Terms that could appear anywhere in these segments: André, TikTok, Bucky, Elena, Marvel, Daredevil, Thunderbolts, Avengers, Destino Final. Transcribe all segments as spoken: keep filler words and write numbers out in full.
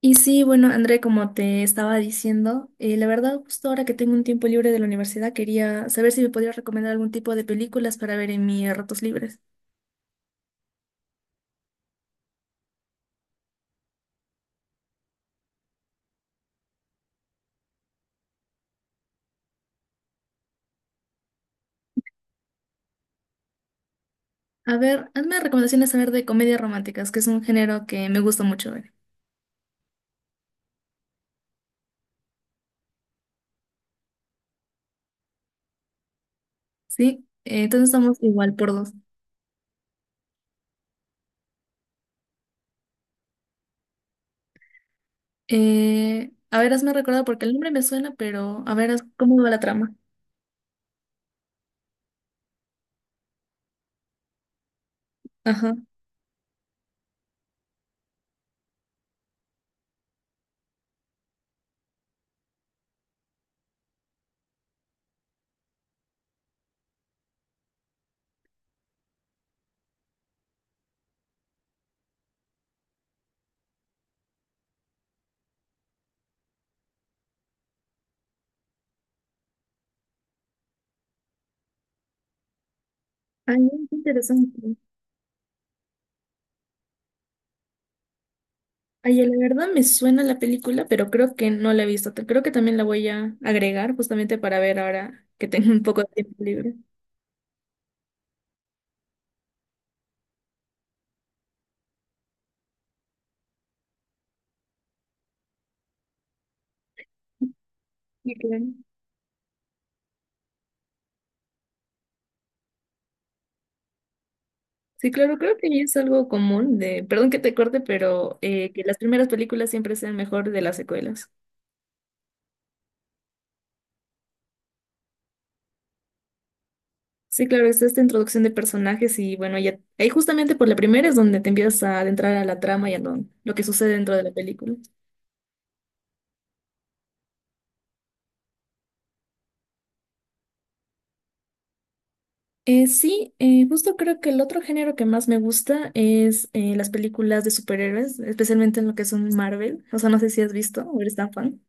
Y sí, bueno, André, como te estaba diciendo, eh, la verdad, justo ahora que tengo un tiempo libre de la universidad, quería saber si me podías recomendar algún tipo de películas para ver en mis ratos libres. A ver, hazme recomendaciones a ver de comedias románticas, que es un género que me gusta mucho ver. Sí. Eh, entonces estamos igual por dos. Eh, a ver, hazme recordar porque el nombre me suena, pero a ver, haz- ¿cómo va la trama? Ajá. Ay, no, qué interesante. Oye, la verdad me suena la película, pero creo que no la he visto. Te- Creo que también la voy a agregar justamente para ver ahora que tengo un poco de tiempo libre. Sí, claro. Sí, claro, creo que es algo común de, perdón que te corte, pero eh, que las primeras películas siempre sean mejor de las secuelas. Sí, claro, es esta introducción de personajes y bueno, ya ahí justamente por la primera es donde te empiezas a adentrar a la trama y a lo, lo que sucede dentro de la película. Eh, sí, eh, justo creo que el otro género que más me gusta es eh, las películas de superhéroes, especialmente en lo que son Marvel. O sea, no sé si has visto o eres tan fan.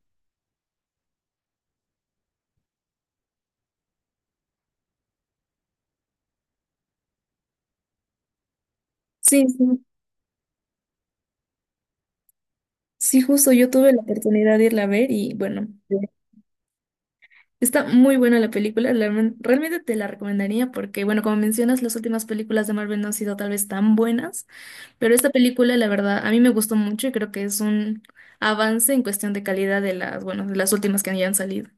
Sí, sí. Sí, justo yo tuve la oportunidad de irla a ver y bueno, sí, está muy buena la película. La Realmente te la recomendaría porque, bueno, como mencionas, las últimas películas de Marvel no han sido tal vez tan buenas, pero esta película, la verdad, a mí me gustó mucho y creo que es un avance en cuestión de calidad de las, bueno, de las últimas que hayan salido.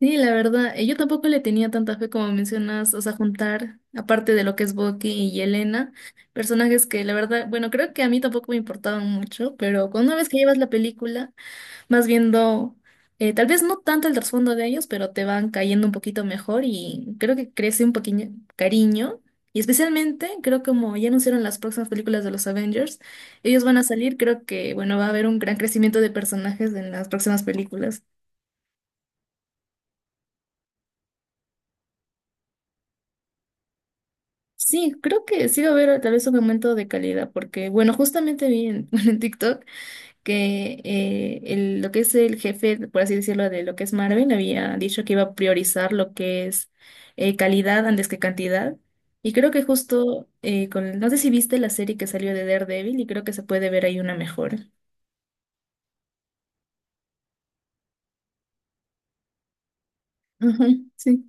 Sí, la verdad, eh, yo tampoco le tenía tanta fe como mencionas, o sea, juntar, aparte de lo que es Bucky y Elena, personajes que la verdad, bueno, creo que a mí tampoco me importaban mucho, pero con una vez que llevas la película, vas viendo, eh, tal vez no tanto el trasfondo de ellos, pero te van cayendo un poquito mejor y creo que crece un poquito cariño. Y especialmente, creo que como ya anunciaron las próximas películas de los Avengers, ellos van a salir, creo que, bueno, va a haber un gran crecimiento de personajes en las próximas películas. Sí, creo que sí va a haber tal vez un aumento de calidad, porque bueno, justamente vi en, bueno, en TikTok que eh, el- lo que es el jefe, por así decirlo, de lo que es Marvel, había dicho que iba a priorizar lo que es eh, calidad antes que cantidad. Y creo que justo eh, con, no sé si viste la serie que salió de Daredevil y creo que se puede ver ahí una mejora. Ajá, sí,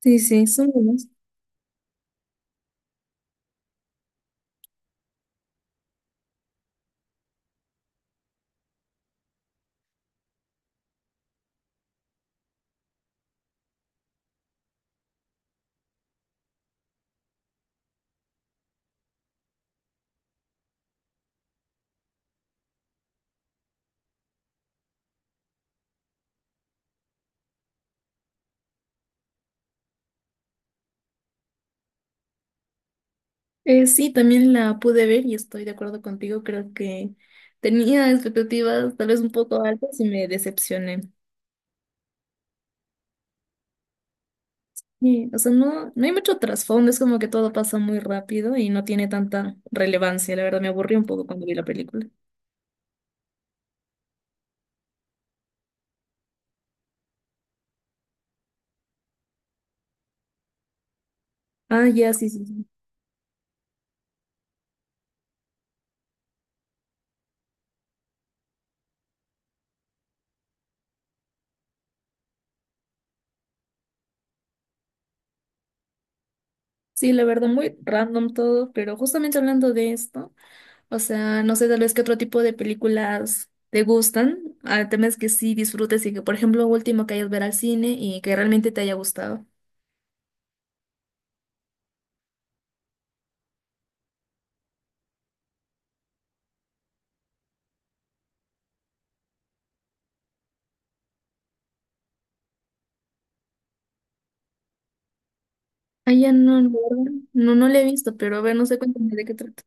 sí, sí, son buenos. Eh, sí, también la pude ver y estoy de acuerdo contigo, creo que... tenía expectativas tal vez un poco altas y me decepcioné. Sí, o sea, no, no hay mucho trasfondo, es como que todo pasa muy rápido y no tiene tanta relevancia. La verdad, me aburrí un poco cuando vi la película. Ah, ya, sí, sí, sí. Sí, la verdad, muy random todo, pero justamente hablando de esto, o sea, no sé tal vez qué otro tipo de películas te gustan. El tema es que sí disfrutes y que, por ejemplo, último que hayas ver al cine y que realmente te haya gustado. Ah, ya no, la verdad, no, no la he visto, pero a ver, no sé, cuéntame de qué trata.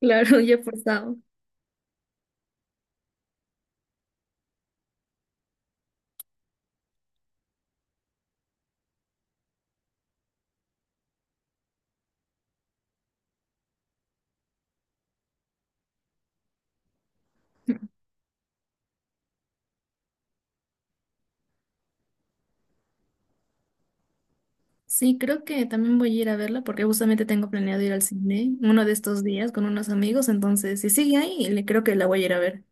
Claro, ya he forzado. Sí, creo que también voy a ir a verla porque justamente tengo planeado ir al cine uno de estos días con unos amigos, entonces si sigue ahí, le creo que la voy a ir a ver.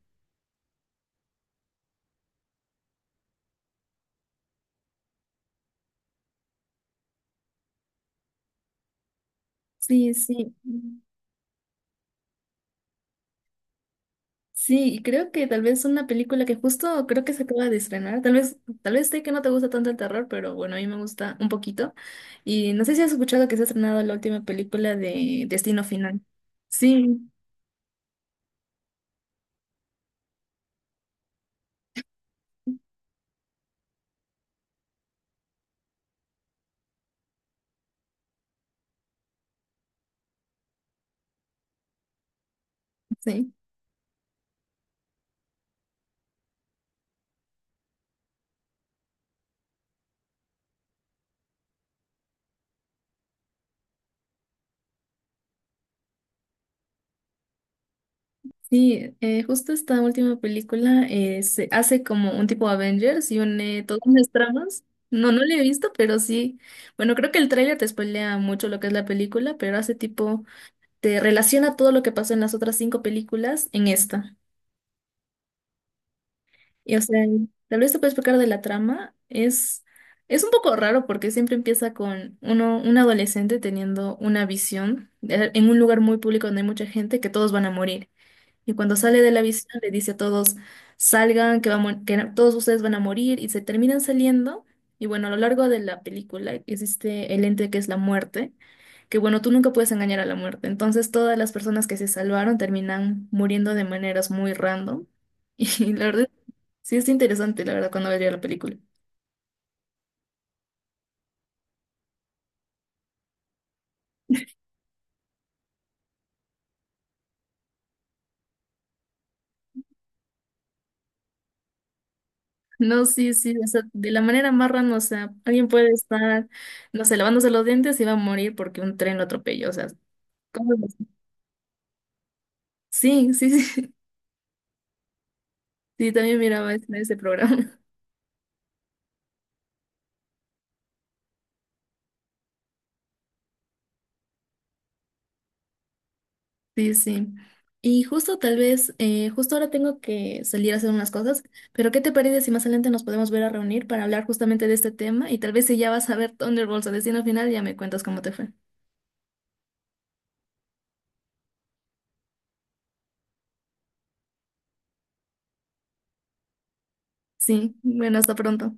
Sí, sí. Sí, y creo que tal vez una película que justo creo que se acaba de estrenar, tal vez, tal vez sé que no te gusta tanto el terror, pero bueno, a mí me gusta un poquito. Y no sé si has escuchado que se ha estrenado la última película de Destino Final. Sí, sí. Sí, eh, justo esta última película eh, se hace como un tipo Avengers y une todas las tramas. No, no la he visto, pero sí. Bueno, creo que el tráiler te spoilea mucho lo que es la película, pero hace tipo, te relaciona todo lo que pasó en las otras cinco películas en esta. Y o sea, tal vez te puedo explicar de la trama. Es, es un poco raro porque siempre empieza con uno, un adolescente teniendo una visión eh, en un lugar muy público donde hay mucha gente que todos van a morir. Y cuando sale de la visión le dice a todos, salgan, que, vamos, que todos ustedes van a morir, y se terminan saliendo. Y bueno, a lo largo de la película existe el ente que es la muerte, que bueno, tú nunca puedes engañar a la muerte. Entonces todas las personas que se salvaron terminan muriendo de maneras muy random. Y la verdad, sí es interesante, la verdad, cuando veía la película. No, sí, sí, o sea, de la manera más random, o sea, alguien puede estar, no sé, lavándose los dientes y va a morir porque un tren lo atropelló, o sea, cosas así. Sí, sí, sí. Sí, también miraba ese, ese programa. Sí, sí. Y justo tal vez, eh, justo ahora tengo que salir a hacer unas cosas, pero ¿qué te parece si más adelante nos podemos ver a reunir para hablar justamente de este tema? Y tal vez si ya vas a ver Thunderbolts a destino final, ya me cuentas cómo te fue. Sí, bueno, hasta pronto.